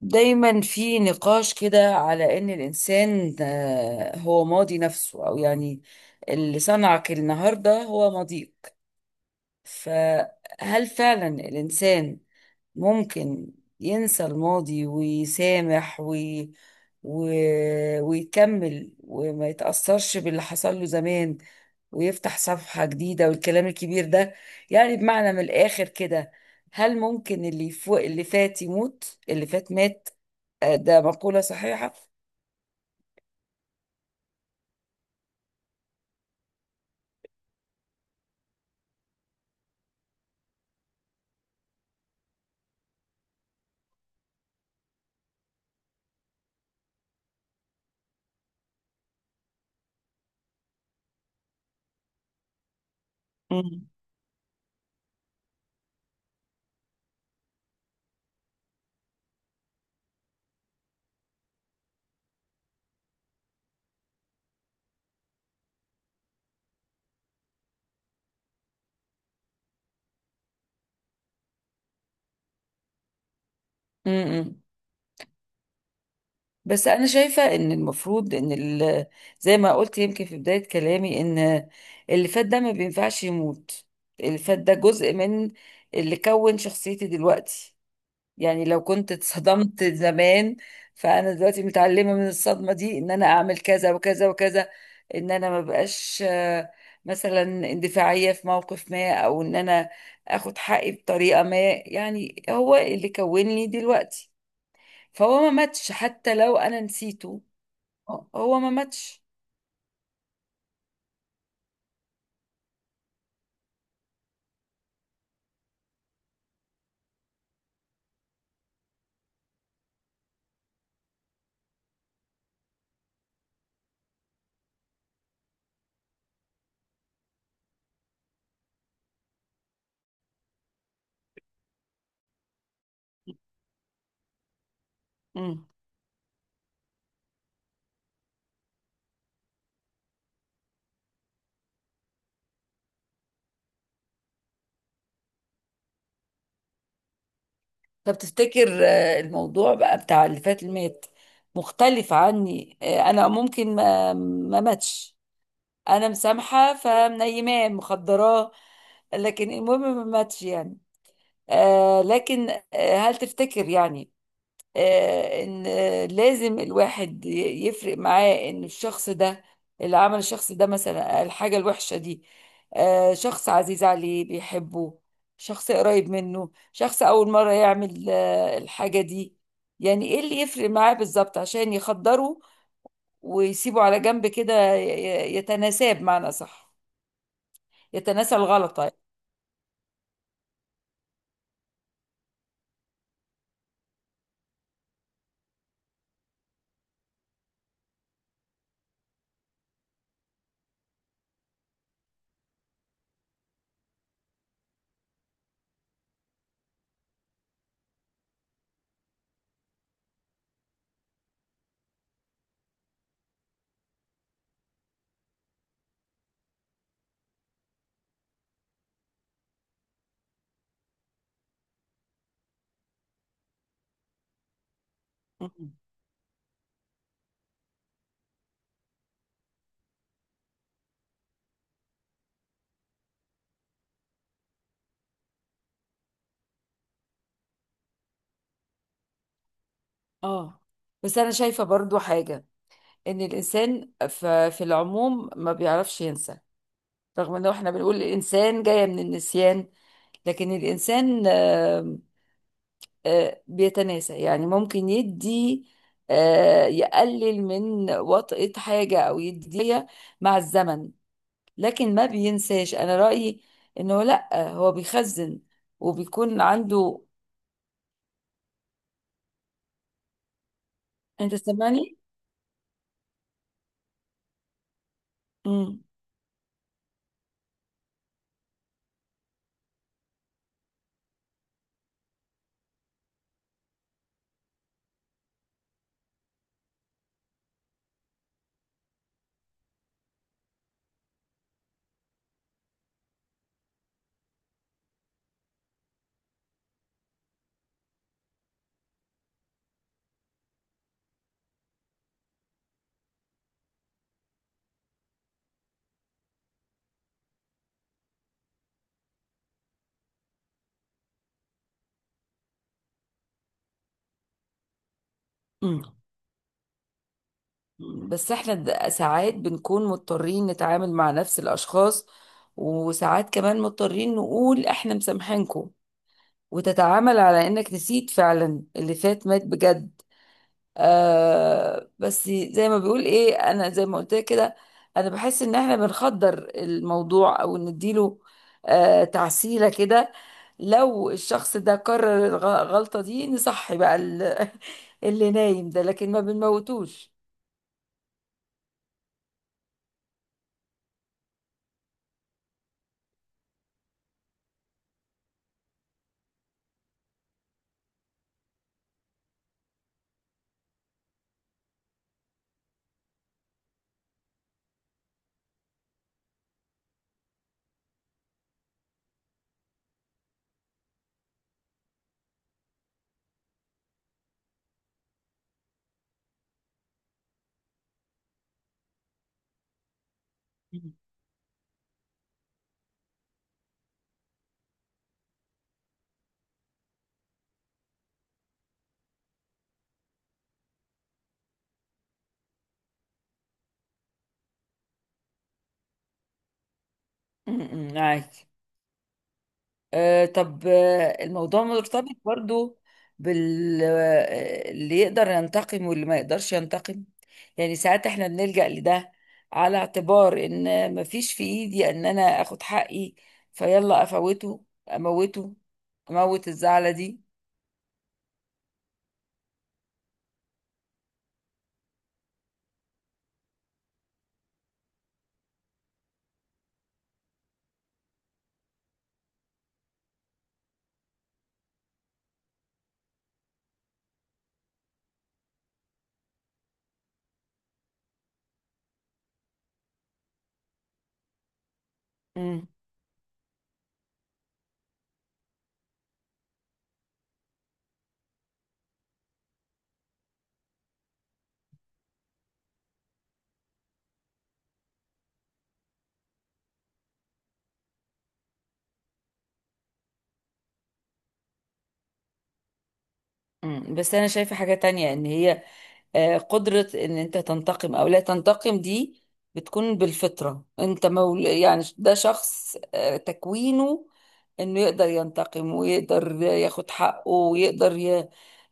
دايما في نقاش كده على ان الانسان هو ماضي نفسه او يعني اللي صنعك النهارده هو ماضيك. فهل فعلا الانسان ممكن ينسى الماضي ويسامح و... ويكمل وما يتأثرش باللي حصل له زمان ويفتح صفحة جديدة والكلام الكبير ده. يعني بمعنى من الآخر كده، هل ممكن اللي فوق اللي فات يموت؟ اللي فات مات. ده مقولة صحيحة. مم. امم. بس انا شايفه ان المفروض ان زي ما قلت يمكن في بدايه كلامي ان اللي فات ده ما بينفعش يموت. اللي فات ده جزء من اللي كون شخصيتي دلوقتي. يعني لو كنت اتصدمت زمان، فانا دلوقتي متعلمه من الصدمه دي ان انا اعمل كذا وكذا وكذا، ان انا ما بقاش مثلا اندفاعيه في موقف ما، او ان انا اخد حقي بطريقه ما. يعني هو اللي كونني دلوقتي، فهو ما ماتش حتى لو انا نسيته. هو ما ماتش. مم. طب تفتكر الموضوع بقى بتاع اللي فات اللي مات مختلف عني؟ انا ممكن ما ماتش، انا مسامحه فمنيماه مخدراه، لكن المهم ما ماتش يعني. لكن هل تفتكر يعني ان لازم الواحد يفرق معاه ان الشخص ده اللي عمل الشخص ده مثلا الحاجه الوحشه دي، شخص عزيز عليه بيحبه، شخص قريب منه، شخص اول مره يعمل الحاجه دي؟ يعني ايه اللي يفرق معاه بالظبط عشان يخدره ويسيبه على جنب كده، يتناساب معنى صح، يتناسى الغلط؟ طيب. مم. اه، بس انا شايفه برضو حاجه، ان الانسان في العموم ما بيعرفش ينسى. رغم ان احنا بنقول الانسان جايه من النسيان، لكن الانسان آم، آه، بيتناسى. يعني ممكن يدي يقلل من وطئة حاجه، او يديها مع الزمن، لكن ما بينساش. انا رايي انه لا، هو بيخزن وبيكون عنده. انت سامعني؟ امم. مم. بس احنا ساعات بنكون مضطرين نتعامل مع نفس الأشخاص، وساعات كمان مضطرين نقول احنا مسامحينكم، وتتعامل على انك نسيت فعلا اللي فات مات بجد. بس زي ما بيقول ايه، انا زي ما قلت لك كده، انا بحس ان احنا بنخدر الموضوع، او نديله تعسيلة كده. لو الشخص ده كرر الغلطة دي، نصحي بقى اللي نايم ده، لكن ما بنموتوش. أمم، معاك. طب الموضوع مرتبط برضو بال اللي يقدر ينتقم واللي ما يقدرش ينتقم. يعني ساعات احنا بنلجأ لده على اعتبار ان مفيش في ايدي ان انا اخد حقي، فيلا افوته، اموته، اموت الزعلة دي. مم. بس انا شايفة حاجة تانية، ان هي قدرة ان انت تنتقم او لا تنتقم دي، بتكون بالفطرة. انت مول يعني ده شخص تكوينه انه يقدر ينتقم، ويقدر ياخد حقه، ويقدر ي...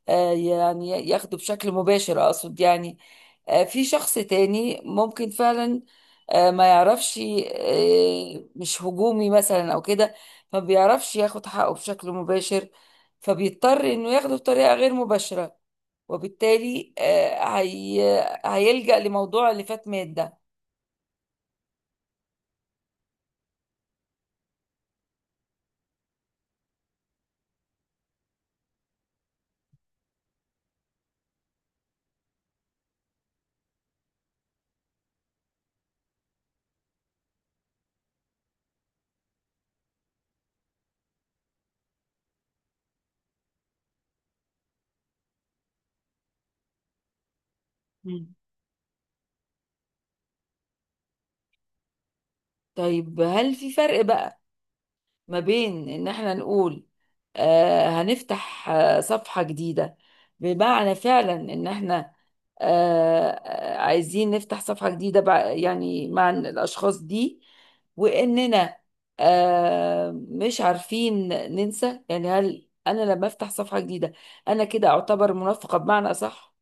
آه، يعني ياخده بشكل مباشر اقصد. يعني في شخص تاني ممكن فعلا ما يعرفش، مش هجومي مثلا او كده، ما بيعرفش ياخد حقه بشكل مباشر، فبيضطر انه ياخده بطريقة غير مباشرة. وبالتالي هي هيلجأ لموضوع اللي فات مات ده. مم. طيب هل في فرق بقى ما بين ان احنا نقول هنفتح صفحة جديدة، بمعنى فعلا ان احنا عايزين نفتح صفحة جديدة يعني مع الاشخاص دي، واننا مش عارفين ننسى؟ يعني هل انا لما افتح صفحة جديدة انا كده اعتبر منافقة بمعنى صح؟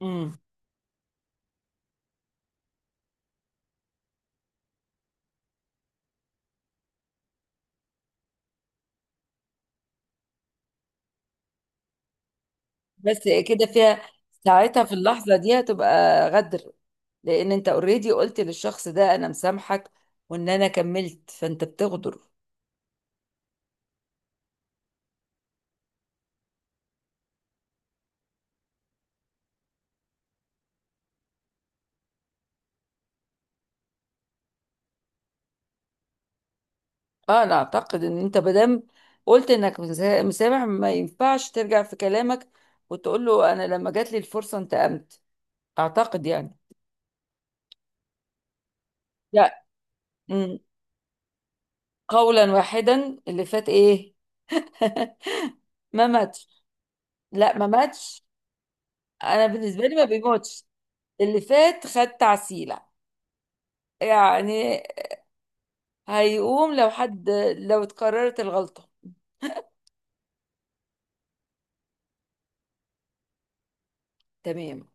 امم. بس كده فيها، ساعتها في اللحظة دي هتبقى غدر، لان انت اوريدي قلت للشخص ده انا مسامحك، وان انا كملت، فانت بتغدر. اه، انا اعتقد ان انت مادام قلت انك مسامح، ما ينفعش ترجع في كلامك وتقول له انا لما جات لي الفرصة انتقمت. اعتقد يعني. لا. أمم. قولا واحدا، اللي فات ايه؟ ما ماتش. لا، ما ماتش. انا بالنسبة لي ما بيموتش. اللي فات خد تعسيلة يعني، هيقوم لو حد، لو اتكررت الغلطة. تمام.